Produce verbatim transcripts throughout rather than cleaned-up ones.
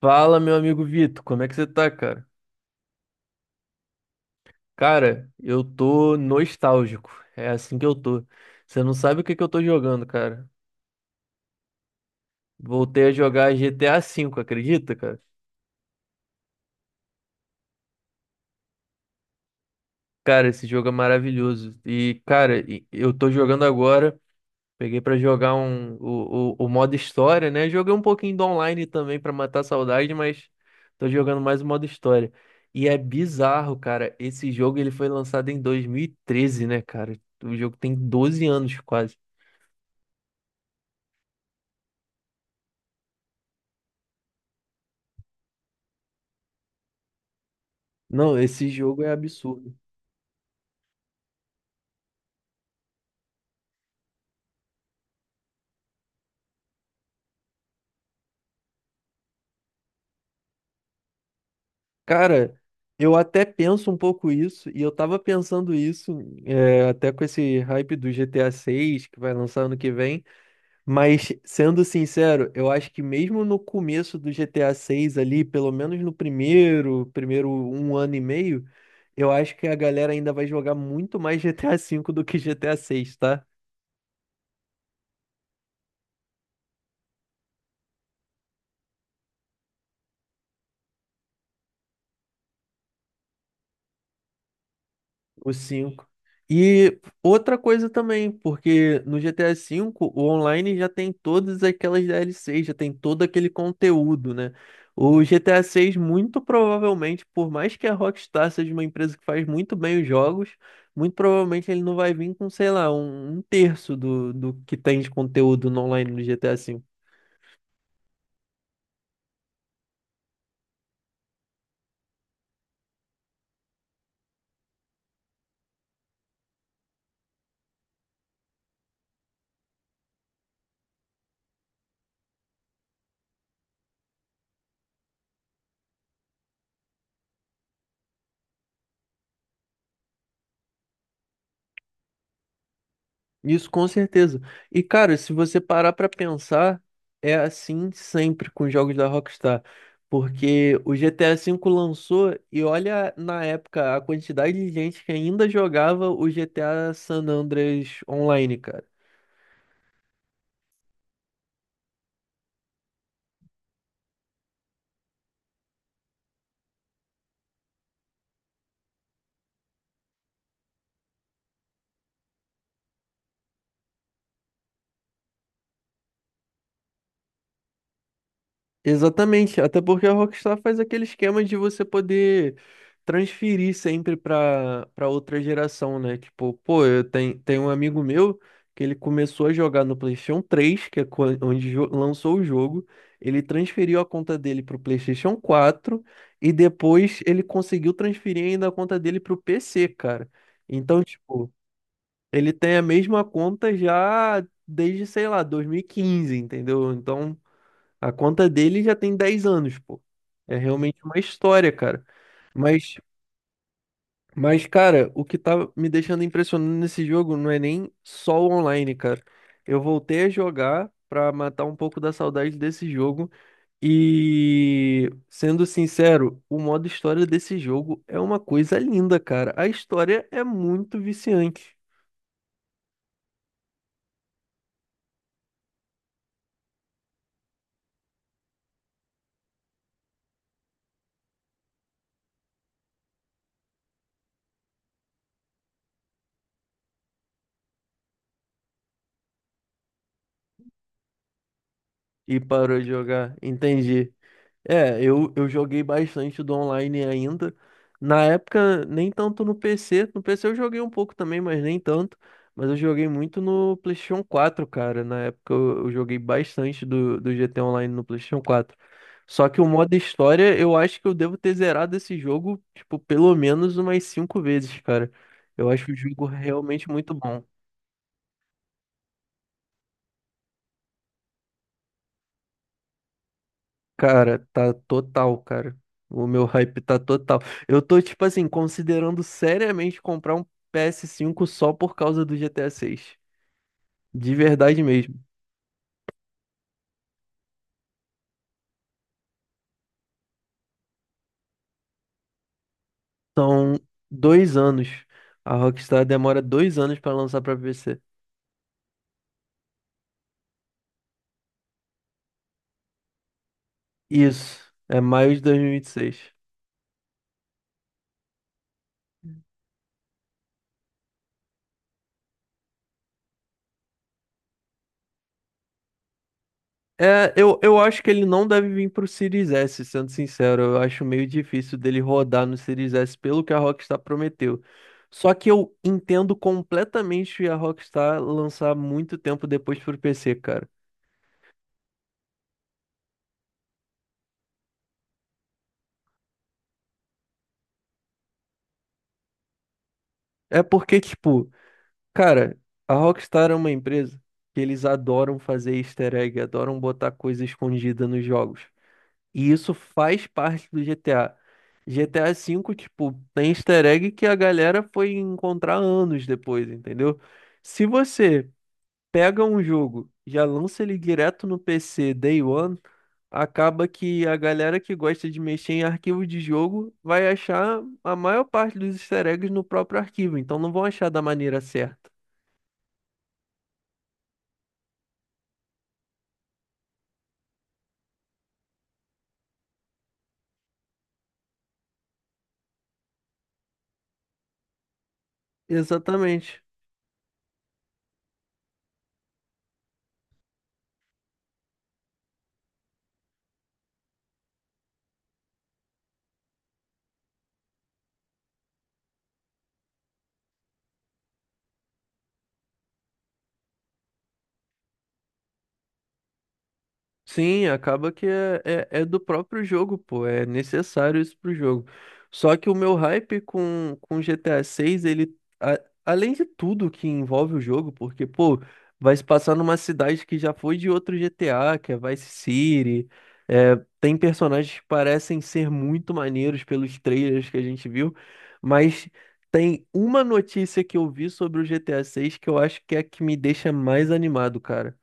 Fala, meu amigo Vitor, como é que você tá, cara? Cara, eu tô nostálgico. É assim que eu tô. Você não sabe o que que eu tô jogando, cara. Voltei a jogar G T A V, acredita, cara? Cara, esse jogo é maravilhoso. E, cara, e- eu tô jogando agora. Peguei pra jogar um, o, o, o modo história, né? Joguei um pouquinho do online também pra matar a saudade, mas tô jogando mais o modo história. E é bizarro, cara. Esse jogo ele foi lançado em dois mil e treze, né, cara? O jogo tem doze anos quase. Não, esse jogo é absurdo. Cara, eu até penso um pouco isso, e eu tava pensando isso, é, até com esse hype do G T A seis que vai lançar ano que vem. Mas, sendo sincero, eu acho que mesmo no começo do G T A seis ali, pelo menos no primeiro, primeiro um ano e meio, eu acho que a galera ainda vai jogar muito mais G T A cinco do que G T A seis, tá? Os cinco. E outra coisa também, porque no G T A V o online já tem todas aquelas D L Cs, já tem todo aquele conteúdo, né? O G T A seis muito provavelmente, por mais que a Rockstar seja uma empresa que faz muito bem os jogos, muito provavelmente ele não vai vir com, sei lá, um, um terço do, do que tem de conteúdo no online no G T A V. Isso com certeza. E cara, se você parar pra pensar, é assim sempre com os jogos da Rockstar, porque o G T A V lançou e olha na época a quantidade de gente que ainda jogava o G T A San Andreas online, cara. Exatamente, até porque a Rockstar faz aquele esquema de você poder transferir sempre para para outra geração, né? Tipo, pô, eu tenho, tenho um amigo meu que ele começou a jogar no PlayStation três que é quan- onde jo- lançou o jogo, ele transferiu a conta dele para o PlayStation quatro e depois ele conseguiu transferir ainda a conta dele para o P C, cara. Então, tipo, ele tem a mesma conta já desde, sei lá, dois mil e quinze, entendeu? Então. A conta dele já tem dez anos, pô. É realmente uma história, cara. Mas, mas, cara, o que tá me deixando impressionado nesse jogo não é nem só o online, cara. Eu voltei a jogar pra matar um pouco da saudade desse jogo. E, sendo sincero, o modo história desse jogo é uma coisa linda, cara. A história é muito viciante. E parou de jogar, entendi. É, eu, eu joguei bastante do online ainda. Na época, nem tanto no P C. No P C eu joguei um pouco também, mas nem tanto. Mas eu joguei muito no PlayStation quatro, cara. Na época eu, eu joguei bastante do, do G T Online no PlayStation quatro. Só que o modo história, eu acho que eu devo ter zerado esse jogo, tipo, pelo menos umas cinco vezes, cara. Eu acho o jogo realmente muito bom. Cara, tá total, cara. O meu hype tá total. Eu tô, tipo assim, considerando seriamente comprar um p s cinco só por causa do G T A seis. De verdade mesmo. São dois anos. A Rockstar demora dois anos pra lançar pra P C. Isso. É maio de dois mil e vinte e seis. É, eu, eu acho que ele não deve vir pro Series S, sendo sincero. Eu acho meio difícil dele rodar no Series S pelo que a Rockstar prometeu. Só que eu entendo completamente a Rockstar lançar muito tempo depois pro P C, cara. É porque, tipo, cara, a Rockstar é uma empresa que eles adoram fazer easter egg, adoram botar coisa escondida nos jogos. E isso faz parte do G T A. G T A cinco, tipo, tem easter egg que a galera foi encontrar anos depois, entendeu? Se você pega um jogo, já lança ele direto no P C Day One, acaba que a galera que gosta de mexer em arquivo de jogo vai achar a maior parte dos easter eggs no próprio arquivo, então não vão achar da maneira certa. Exatamente. Sim, acaba que é, é, é do próprio jogo, pô. É necessário isso pro jogo. Só que o meu hype com, com G T A seis, ele, a- além de tudo que envolve o jogo, porque, pô, vai se passar numa cidade que já foi de outro G T A, que é Vice City. é, Tem personagens que parecem ser muito maneiros pelos trailers que a gente viu, mas tem uma notícia que eu vi sobre o G T A seis que eu acho que é a que me deixa mais animado, cara.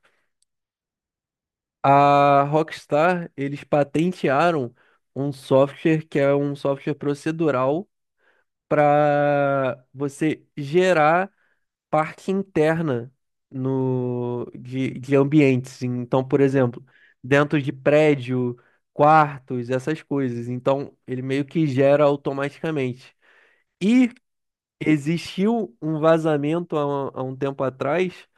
A Rockstar, eles patentearam um software que é um software procedural para você gerar parte interna no, de, de ambientes. Então, por exemplo, dentro de prédio, quartos, essas coisas. Então, ele meio que gera automaticamente. E existiu um vazamento há, há um tempo atrás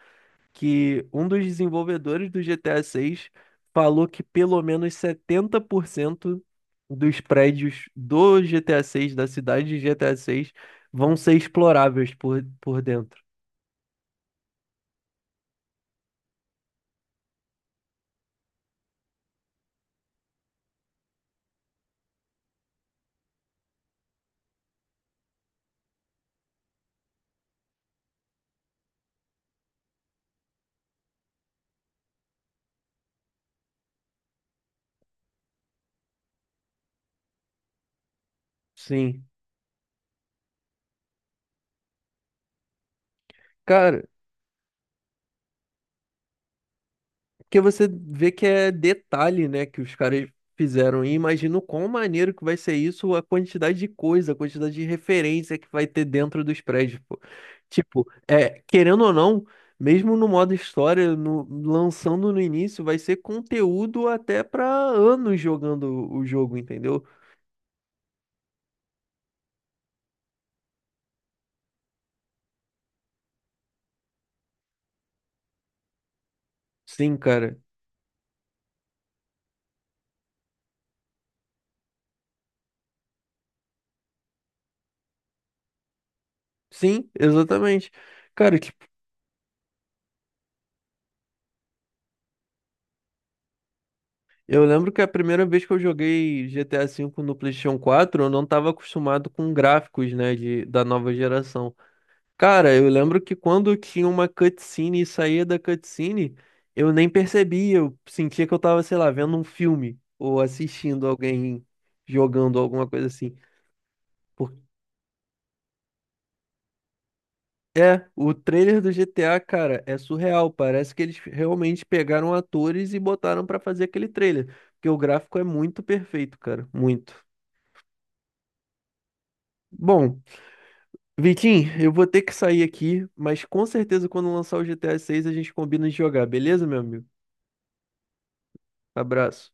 que um dos desenvolvedores do G T A seis falou que pelo menos setenta por cento dos prédios do GTA VI da cidade de GTA VI vão ser exploráveis por, por dentro. Sim. Cara, porque você vê que é detalhe, né, que os caras fizeram. E imagino quão maneiro que vai ser isso, a quantidade de coisa, a quantidade de referência que vai ter dentro dos prédios, pô. Tipo, é, querendo ou não, mesmo no modo história, no- lançando no início, vai ser conteúdo até pra anos jogando o jogo, entendeu? Sim, cara. Sim, exatamente. Cara, que Eu lembro que a primeira vez que eu joguei G T A V no PlayStation quatro, eu não estava acostumado com gráficos, né, de, da nova geração. Cara, eu lembro que quando tinha uma cutscene e saía da cutscene, eu nem percebia, eu sentia que eu tava, sei lá, vendo um filme ou assistindo alguém jogando alguma coisa assim. Por- É, o trailer do G T A, cara, é surreal. Parece que eles realmente pegaram atores e botaram pra fazer aquele trailer, porque o gráfico é muito perfeito, cara, muito. Bom, Vitinho, eu vou ter que sair aqui, mas com certeza quando lançar o G T A seis a seis a gente combina de jogar, beleza, meu amigo? Abraço.